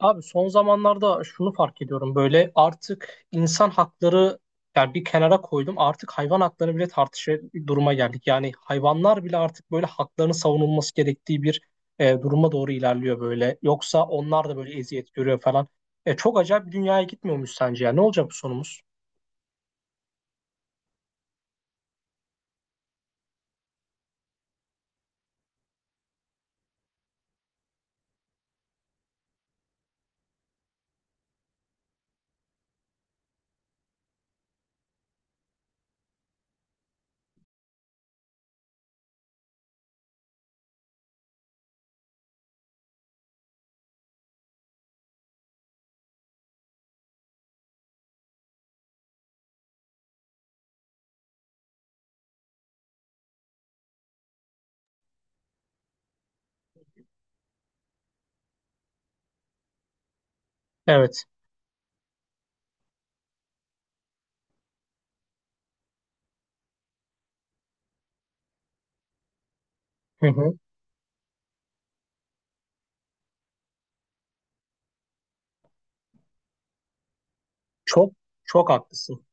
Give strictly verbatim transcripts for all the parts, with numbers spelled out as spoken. Abi son zamanlarda şunu fark ediyorum böyle artık insan hakları yani bir kenara koydum artık hayvan hakları bile tartışır duruma geldik. Yani hayvanlar bile artık böyle haklarının savunulması gerektiği bir e, duruma doğru ilerliyor böyle. Yoksa onlar da böyle eziyet görüyor falan. E, çok acayip bir dünyaya gitmiyormuş sence ya ne olacak bu sonumuz? Evet. Hı hı. Çok Çok haklısın.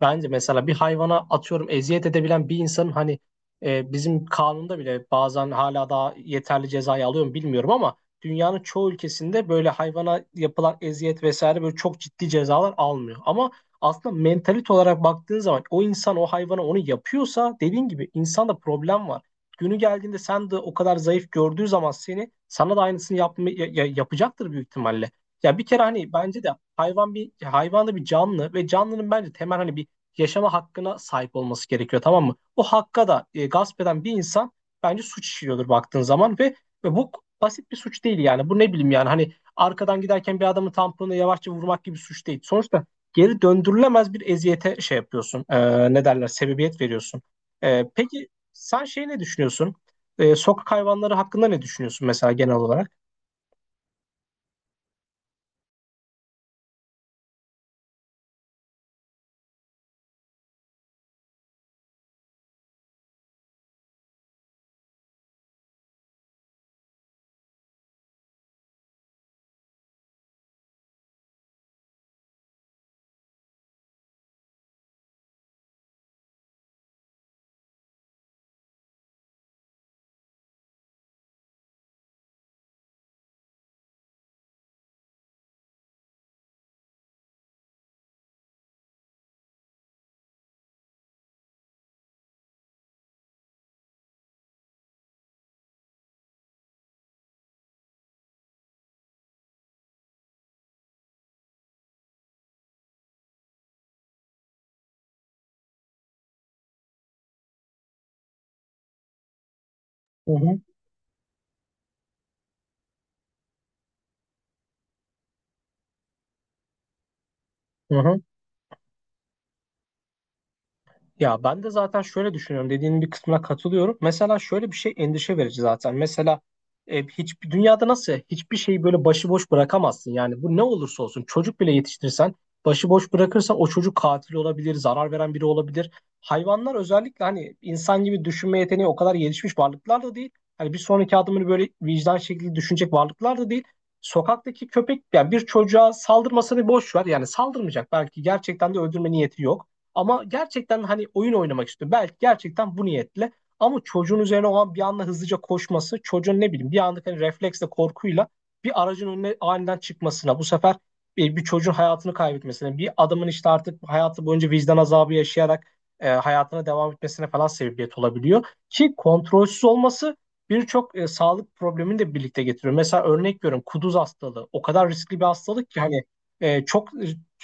Bence mesela bir hayvana atıyorum eziyet edebilen bir insanın hani e, bizim kanunda bile bazen hala daha yeterli cezayı alıyor mu bilmiyorum ama dünyanın çoğu ülkesinde böyle hayvana yapılan eziyet vesaire böyle çok ciddi cezalar almıyor. Ama aslında mentalite olarak baktığın zaman o insan o hayvana onu yapıyorsa dediğin gibi insanda problem var. Günü geldiğinde sen de o kadar zayıf gördüğü zaman seni sana da aynısını yapma, ya- ya- yapacaktır büyük ihtimalle. Ya bir kere hani bence de hayvan bir hayvan da bir canlı ve canlının bence temel hani bir yaşama hakkına sahip olması gerekiyor tamam mı? O hakka da e, gasp eden bir insan bence suç işliyordur baktığın zaman ve, ve bu basit bir suç değil yani. Bu ne bileyim yani hani arkadan giderken bir adamın tamponuna yavaşça vurmak gibi suç değil. Sonuçta geri döndürülemez bir eziyete şey yapıyorsun. E, ne derler? Sebebiyet veriyorsun. E, peki sen şey ne düşünüyorsun? E, sokak hayvanları hakkında ne düşünüyorsun mesela genel olarak? Hı hı. Hı hı. Ya ben de zaten şöyle düşünüyorum. Dediğinin bir kısmına katılıyorum. Mesela şöyle bir şey endişe verici zaten. Mesela e, hiçbir dünyada nasıl hiçbir şeyi böyle başıboş bırakamazsın. Yani bu ne olursa olsun çocuk bile yetiştirirsen başıboş bırakırsan o çocuk katil olabilir, zarar veren biri olabilir. Hayvanlar özellikle hani insan gibi düşünme yeteneği o kadar gelişmiş varlıklar da değil. Hani bir sonraki adımını böyle vicdan şekilde düşünecek varlıklar da değil. Sokaktaki köpek yani bir çocuğa saldırmasını boş ver. Yani saldırmayacak. Belki gerçekten de öldürme niyeti yok. Ama gerçekten hani oyun oynamak istiyor. Belki gerçekten bu niyetle. Ama çocuğun üzerine olan bir anda hızlıca koşması, çocuğun ne bileyim bir anda hani refleksle, korkuyla bir aracın önüne aniden çıkmasına, bu sefer bir, bir çocuğun hayatını kaybetmesine, bir adamın işte artık hayatı boyunca vicdan azabı yaşayarak e, hayatına devam etmesine falan sebebiyet olabiliyor. Ki kontrolsüz olması birçok e, sağlık problemini de birlikte getiriyor. Mesela örnek veriyorum kuduz hastalığı. O kadar riskli bir hastalık ki hani e, çok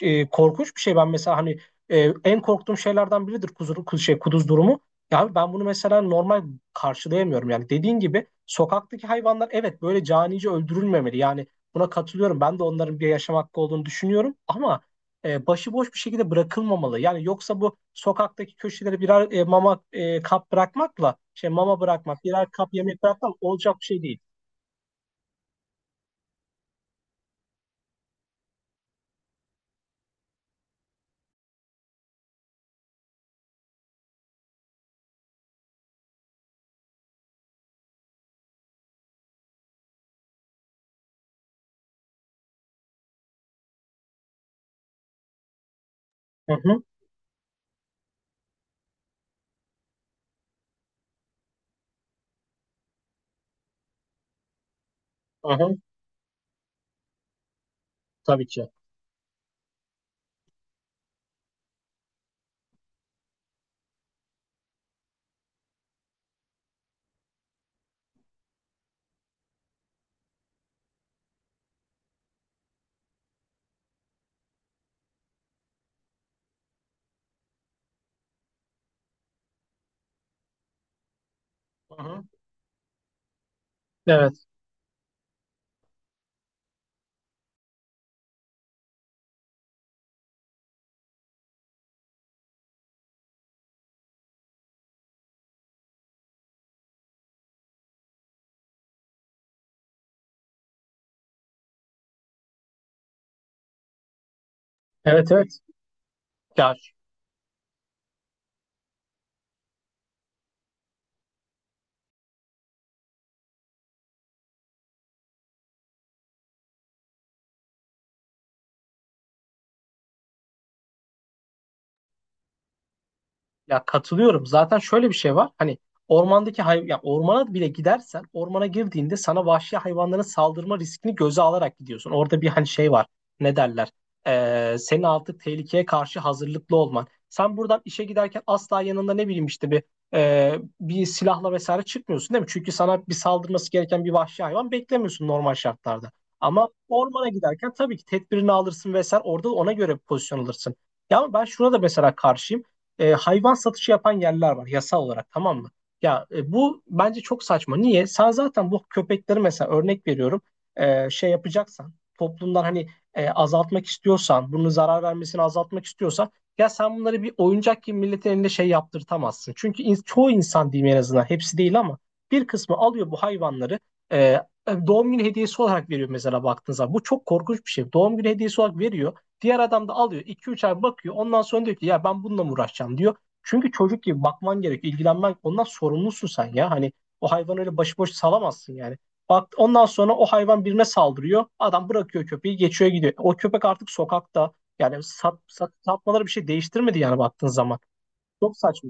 e, e, korkunç bir şey. Ben mesela hani ee, en korktuğum şeylerden biridir kuduz, kuduz, şey, kuduz durumu. Ya abi ben bunu mesela normal karşılayamıyorum. Yani dediğin gibi sokaktaki hayvanlar evet böyle canice öldürülmemeli. Yani buna katılıyorum. Ben de onların bir yaşam hakkı olduğunu düşünüyorum. Ama e, başıboş bir şekilde bırakılmamalı. Yani yoksa bu sokaktaki köşelere birer e, mama e, kap bırakmakla şey mama bırakmak, birer kap yemek bırakmak olacak bir şey değil. Hı hı, hı hı, tabii ki. Hı hı. Evet, evet, evet. Ya Ya katılıyorum. Zaten şöyle bir şey var. Hani ormandaki hay ya ormana bile gidersen ormana girdiğinde sana vahşi hayvanların saldırma riskini göze alarak gidiyorsun. Orada bir hani şey var. Ne derler? Ee, senin artık tehlikeye karşı hazırlıklı olman. Sen buradan işe giderken asla yanında ne bileyim işte bir e, bir silahla vesaire çıkmıyorsun değil mi? Çünkü sana bir saldırması gereken bir vahşi hayvan beklemiyorsun normal şartlarda. Ama ormana giderken tabii ki tedbirini alırsın vesaire. Orada ona göre pozisyon alırsın. Ya ama ben şuna da mesela karşıyım e, hayvan satışı yapan yerler var yasal olarak tamam mı? Ya e, bu bence çok saçma. Niye? Sen zaten bu köpekleri mesela örnek veriyorum e, şey yapacaksan toplumdan hani e, azaltmak istiyorsan bunu zarar vermesini azaltmak istiyorsan ya sen bunları bir oyuncak gibi milletin elinde şey yaptırtamazsın. Çünkü in- çoğu insan diyeyim en azından hepsi değil ama bir kısmı alıyor bu hayvanları e, e, doğum günü hediyesi olarak veriyor mesela baktığınız zaman. Bu çok korkunç bir şey. Doğum günü hediyesi olarak veriyor. Diğer adam da alıyor iki üç ay bakıyor. Ondan sonra diyor ki ya ben bununla mı uğraşacağım diyor. Çünkü çocuk gibi bakman gerekiyor, ilgilenmen ondan sorumlusun sen ya. Hani o hayvanı öyle başıboş salamazsın yani. Bak ondan sonra o hayvan birine saldırıyor. Adam bırakıyor köpeği, geçiyor gidiyor. O köpek artık sokakta. Yani sat, sat, satmaları bir şey değiştirmedi yani baktığın zaman. Çok saçma.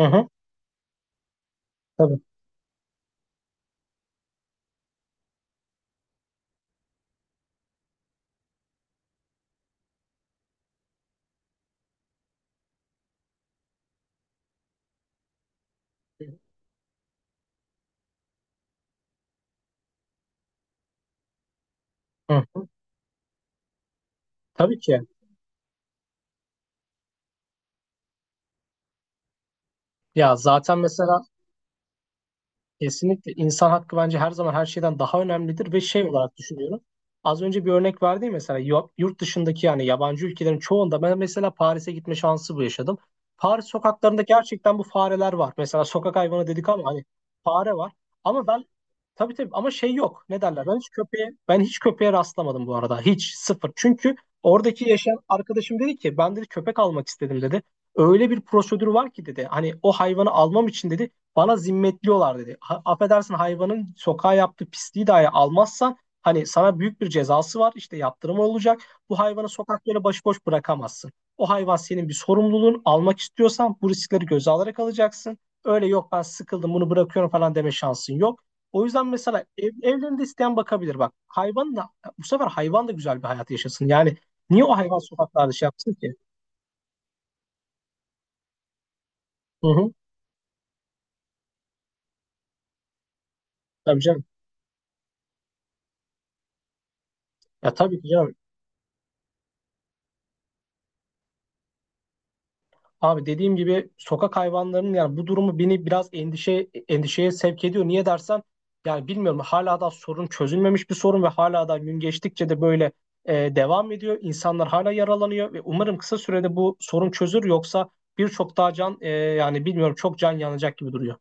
Hı hı. Tabii. Hı. Tabii ki. Ya zaten mesela kesinlikle insan hakkı bence her zaman her şeyden daha önemlidir ve şey olarak düşünüyorum. Az önce bir örnek verdi ya mesela yu- yurt dışındaki yani yabancı ülkelerin çoğunda ben mesela Paris'e gitme şansı bu yaşadım. Paris sokaklarında gerçekten bu fareler var. Mesela sokak hayvanı dedik ama hani fare var. Ama ben tabii tabii ama şey yok. Ne derler? Ben hiç köpeğe ben hiç köpeğe rastlamadım bu arada. Hiç sıfır. Çünkü oradaki yaşayan arkadaşım dedi ki ben dedi köpek almak istedim dedi. Öyle bir prosedür var ki dedi. Hani o hayvanı almam için dedi bana zimmetliyorlar dedi. Ha, affedersin hayvanın sokağa yaptığı pisliği dahi almazsan hani sana büyük bir cezası var. İşte yaptırım olacak. Bu hayvanı sokaklara başıboş bırakamazsın. O hayvan senin bir sorumluluğun. Almak istiyorsan bu riskleri göze alarak alacaksın. Öyle yok ben sıkıldım bunu bırakıyorum falan deme şansın yok. O yüzden mesela ev, evlerinde isteyen bakabilir bak. Hayvan da bu sefer hayvan da güzel bir hayat yaşasın. Yani niye o hayvan sokaklarda şey yapsın ki? Hı hı. Tabii canım. Ya tabii ki canım. Abi dediğim gibi sokak hayvanlarının yani bu durumu beni biraz endişe endişeye sevk ediyor. Niye dersen yani bilmiyorum hala da sorun çözülmemiş bir sorun ve hala da gün geçtikçe de böyle e, devam ediyor. İnsanlar hala yaralanıyor ve umarım kısa sürede bu sorun çözülür yoksa birçok daha can e, yani bilmiyorum çok can yanacak gibi duruyor.